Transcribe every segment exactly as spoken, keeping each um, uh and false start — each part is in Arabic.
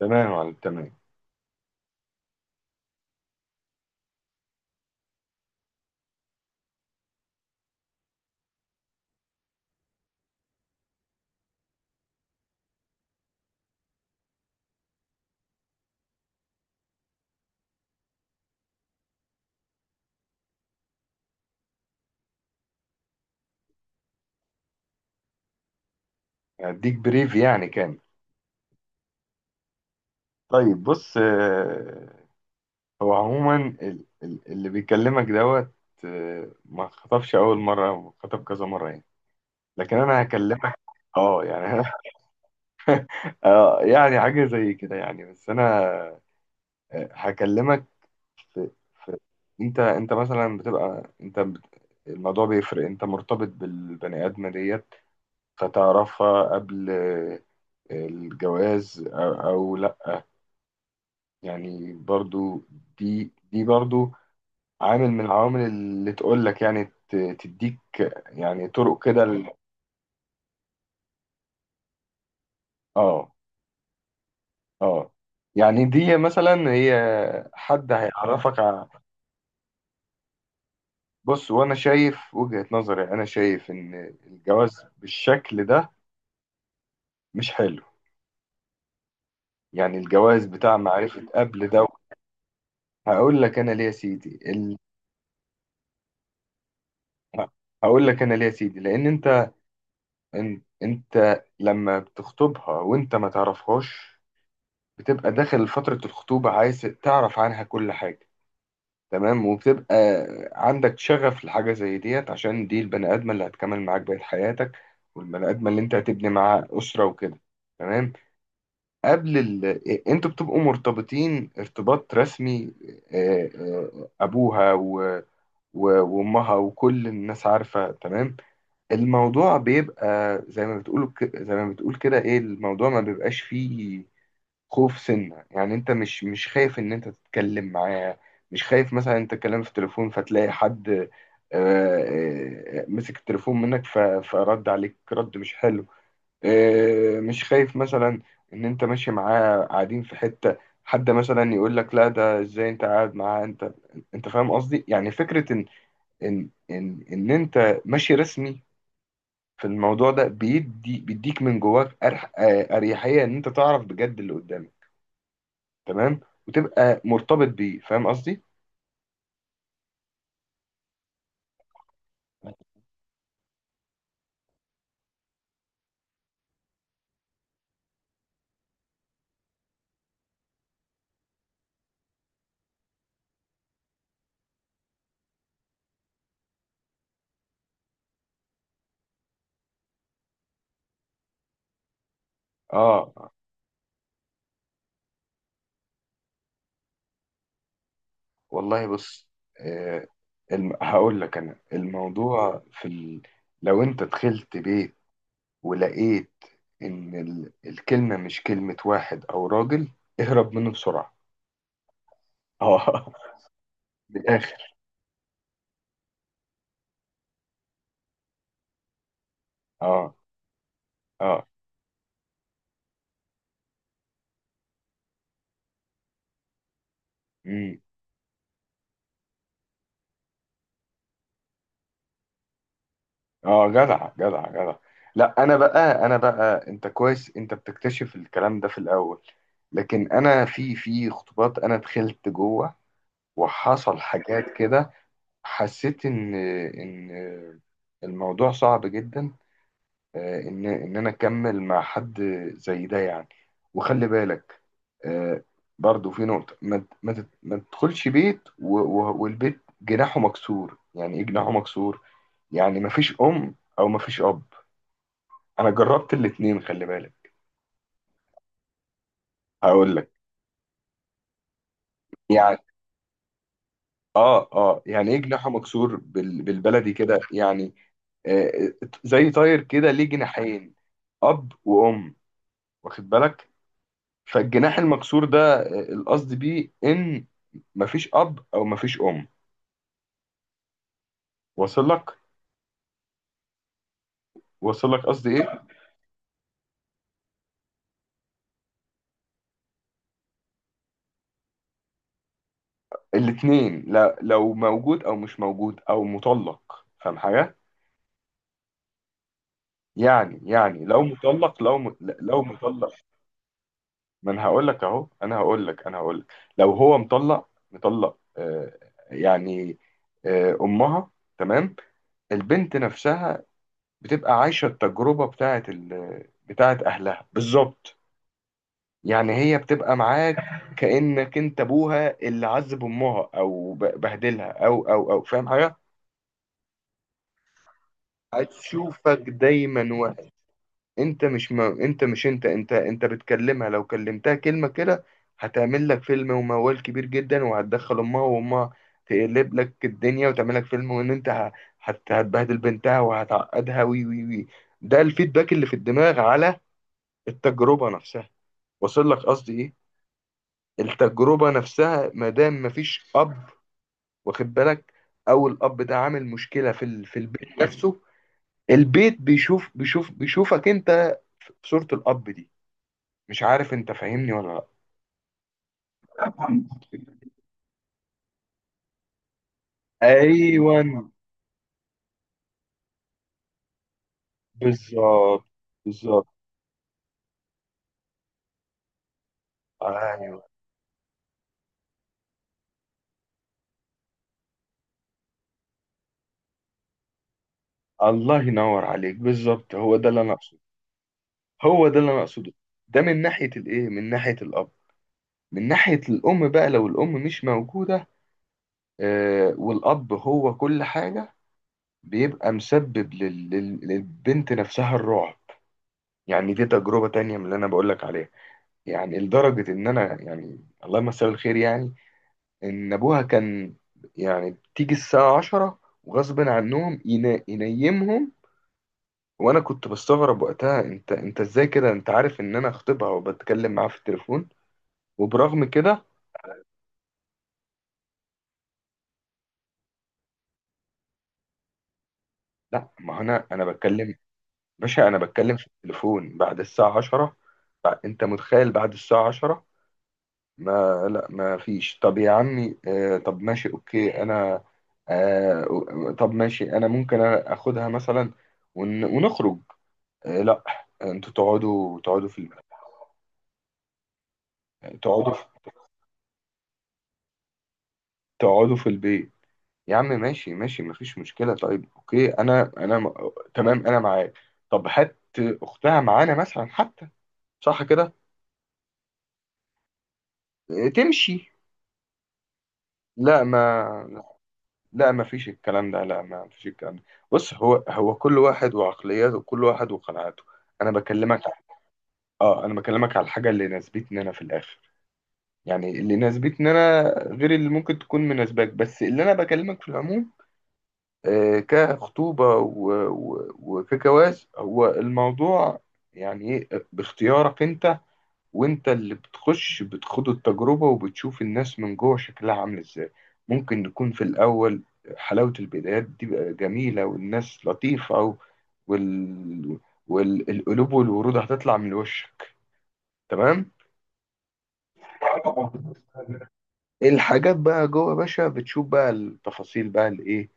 تمام يا معلم، تمام. هديك بريف يعني كامل. طيب بص، آه، هو عموما ال- ال- اللي بيكلمك دوت آه، ما خطبش أول مرة، خطب كذا مرة يعني. لكن أنا هكلمك. اه يعني أنا اه يعني حاجة زي كده يعني، بس أنا آه، هكلمك. في في أنت أنت مثلا بتبقى أنت بت- الموضوع بيفرق. أنت مرتبط بالبني آدمة ديت، فتعرفها قبل آه، الجواز أو أو يعني برضو دي دي برضو عامل من العوامل اللي تقول لك يعني ت- تديك يعني طرق كده ال- اه. اه يعني دي مثلا هي حد هيعرفك ع- بص، وانا شايف وجهة نظري، انا شايف ان الجواز بالشكل ده مش حلو. يعني الجواز بتاع معرفة قبل ده، هقول لك انا ليه يا سيدي ال... هقول لك انا ليه يا سيدي. لان انت انت, انت لما بتخطبها وانت ما تعرفهاش، بتبقى داخل فترة الخطوبة عايز تعرف عنها كل حاجة، تمام؟ وبتبقى عندك شغف لحاجة زي ديت، عشان دي البني آدمة اللي هتكمل معاك بقية حياتك والبني آدمة اللي انت هتبني معاها أسرة وكده، تمام. قبل ال... إيه، انتوا بتبقوا مرتبطين ارتباط رسمي، آه، آه، أبوها و... و... وأمها وكل الناس عارفة، تمام. الموضوع بيبقى زي ما بتقول، ك- زي ما بتقول كده ايه الموضوع ما بيبقاش فيه خوف سنة. يعني انت مش مش خايف ان انت تتكلم معاه، مش خايف مثلا انت تتكلم في التليفون فتلاقي حد آه، آه، مسك التليفون منك ف- فرد عليك رد مش حلو، آه، مش خايف مثلا ان انت ماشي معاه قاعدين في حتة، حد مثلا يقول لك لا ده ازاي انت قاعد معاه. انت انت فاهم قصدي. يعني فكرة ان ان ان ان انت ماشي رسمي في الموضوع ده، بيدي بيديك من جواك أرح- آه، اريحية ان انت تعرف بجد اللي قدامك، تمام، وتبقى مرتبط بيه، فاهم قصدي. اه والله بص، آه الم... هقول لك انا الموضوع في ال... لو انت دخلت بيت ولقيت ان ال... الكلمة مش كلمة واحد او راجل، اهرب منه بسرعة. اه من الاخر. اه. اه. امم. اه، جدع جدع جدع. لا انا بقى، انا بقى انت كويس انت بتكتشف الكلام ده في الاول، لكن انا في في خطوبات انا دخلت جوه وحصل حاجات كده، حسيت ان ان الموضوع صعب جدا آه، ان ان انا اكمل مع حد زي ده يعني. وخلي بالك آه، برضو في نقطة، ما ت- ما تت- ما تدخلش بيت و- و- والبيت جناحه مكسور. يعني ايه جناحه مكسور؟ يعني ما فيش ام او ما فيش اب. انا جربت الاتنين، خلي بالك. هقول لك. يعني اه اه، يعني ايه جناحه مكسور؟ بال- بالبلدي كده يعني آه، زي طاير كده ليه جناحين، اب وام، واخد بالك. فالجناح المكسور ده آه، القصد بيه ان مفيش اب او مفيش ام. واصل لك؟ واصل لك قصدي ايه. الاتنين، لا لو موجود او مش موجود او مطلق، فاهم حاجه. يعني، يعني لو مطلق، لو م... لو مطلق، ما انا هقول لك اهو. انا هقول لك انا هقول لك لو هو مطلق مطلق آه، يعني آه، امها، تمام. البنت نفسها بتبقى عايشه التجربه بتاعه ال- بتاعه اهلها بالظبط. يعني هي بتبقى معاك كانك انت ابوها اللي عذب امها او ب- بهدلها او او او فاهم حاجه. هتشوفك دايما. انت مش، ما انت مش انت انت انت بتكلمها، لو كلمتها كلمة كده هتعمل لك فيلم وموال كبير جدا، وهتدخل امها. وامها تقلب لك الدنيا وتعمل لك فيلم، وان انت ه- هت- هتبهدل بنتها وهتعقدها، وي وي وي. ده الفيدباك اللي في الدماغ على التجربة نفسها. وصل لك قصدي ايه؟ التجربة نفسها ما دام مفيش اب، واخد بالك، او الاب ده عامل مشكلة في ال... في البيت نفسه، البيت بيشوف بيشوف بيشوفك انت في صورة الاب دي. مش عارف انت فاهمني ولا لا. ايوه، بالظبط. بالظبط. ايوه، الله ينور عليك بالظبط، هو ده اللي انا اقصده. هو ده اللي انا اقصده. ده من ناحيه الايه، من ناحيه الاب. من ناحيه الام بقى، لو الام مش موجوده آه، والاب هو كل حاجه، بيبقى مسبب لل... لل... للبنت نفسها الرعب. يعني دي تجربه تانية من اللي انا بقول لك عليها. يعني لدرجه ان انا، يعني الله يمسيه بالخير يعني، ان ابوها كان، يعني بتيجي الساعة عشرة وغصب عنهم ينا- ينيمهم. وانا كنت بستغرب وقتها، انت انت ازاي كده؟ انت عارف ان انا خطيبها وبتكلم معاها في التليفون وبرغم كده. لا، ما هو انا انا بتكلم، باشا انا بتكلم في التليفون بعد الساعة عشرة. بع- انت متخيل بعد الساعة عشرة؟ ما لا ما فيش. طب يا عمي، آه طب ماشي اوكي انا، آه طب ماشي انا ممكن اخدها مثلا ون- ونخرج. آه، لا، انتوا تقعدوا تقعدوا في تقعدوا في تقعدوا في البيت. يا عم ماشي ماشي، مفيش مشكلة، طيب اوكي انا، انا م- تمام انا معاك، طب هات اختها معانا مثلا حتى، صح كده. إيه، تمشي. لا ما لا ما فيش الكلام ده، لا ما فيش الكلام ده. بص، هو هو كل واحد وعقلياته، كل واحد وقناعاته. انا بكلمك ع- اه انا بكلمك على الحاجة اللي ناسبتني انا في الاخر، يعني اللي ناسبتني انا، غير اللي ممكن تكون مناسباك، بس اللي انا بكلمك في العموم آه، كخطوبة و- و- وكجواز. هو الموضوع يعني ايه؟ باختيارك انت، وانت اللي بتخش بتخوض التجربة، وبتشوف الناس من جوه شكلها عامل ازاي. ممكن نكون في الأول حلاوة البدايات دي بقى جميلة، والناس لطيفة و- وال... والقلوب والورود هتطلع من وشك، تمام؟ الحاجات بقى جوه باشا بتشوف بقى التفاصيل بقى الايه،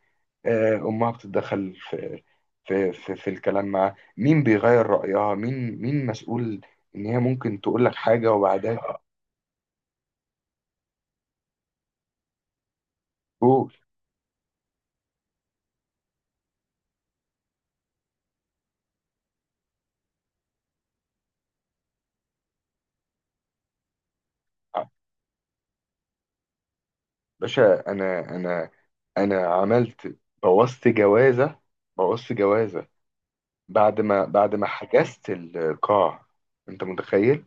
آه، امها بتتدخل في في في, في الكلام معاه، مين بيغير رأيها، مين مين مسؤول، ان هي ممكن تقول لك حاجة وبعدها تقول. باشا انا انا انا عملت بوظت جوازة. بوظت جوازة بعد ما بعد ما حجزت القاع. انت متخيل؟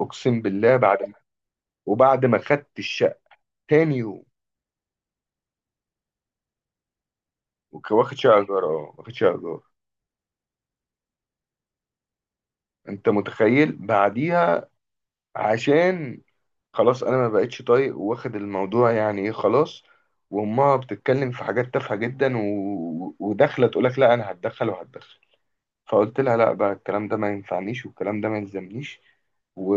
اقسم بالله، بعد ما وبعد ما خدت الشقة، تاني يوم. وك- واخد شقة ايجار، اه واخد شقة ايجار. انت متخيل بعديها؟ عشان خلاص انا ما بقتش طايق واخد الموضوع، يعني ايه خلاص. وامها بتتكلم في حاجات تافهه جدا و... وداخله تقول لك لا انا هتدخل وهتدخل، فقلت لها لا بقى، الكلام ده ما ينفعنيش والكلام ده ما يلزمنيش. و،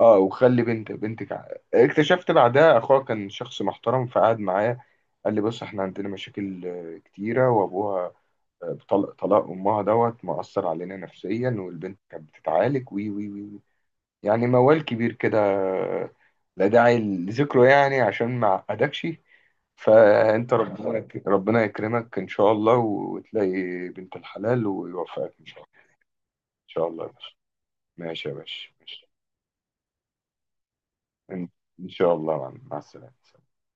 اه، وخلي بنت بنتك ع- اكتشفت بعدها اخوها كان شخص محترم، فقعد معايا قال لي بص احنا عندنا مشاكل آه، كتيره، وابوها آه، طلق طلاق امها دوت مأثر علينا نفسيا، والبنت كانت بتتعالج، وي وي وي. يعني موال كبير كده، لا داعي لذكره يعني عشان ما اعقدكش. فانت، ربنا ربنا يكرمك ان شاء الله، وتلاقي بنت الحلال ويوفقك ان شاء الله. ان شاء الله يا باشا. ماشي يا باشا، ماشي. ان إن شاء الله يا معلم. مع السلامة.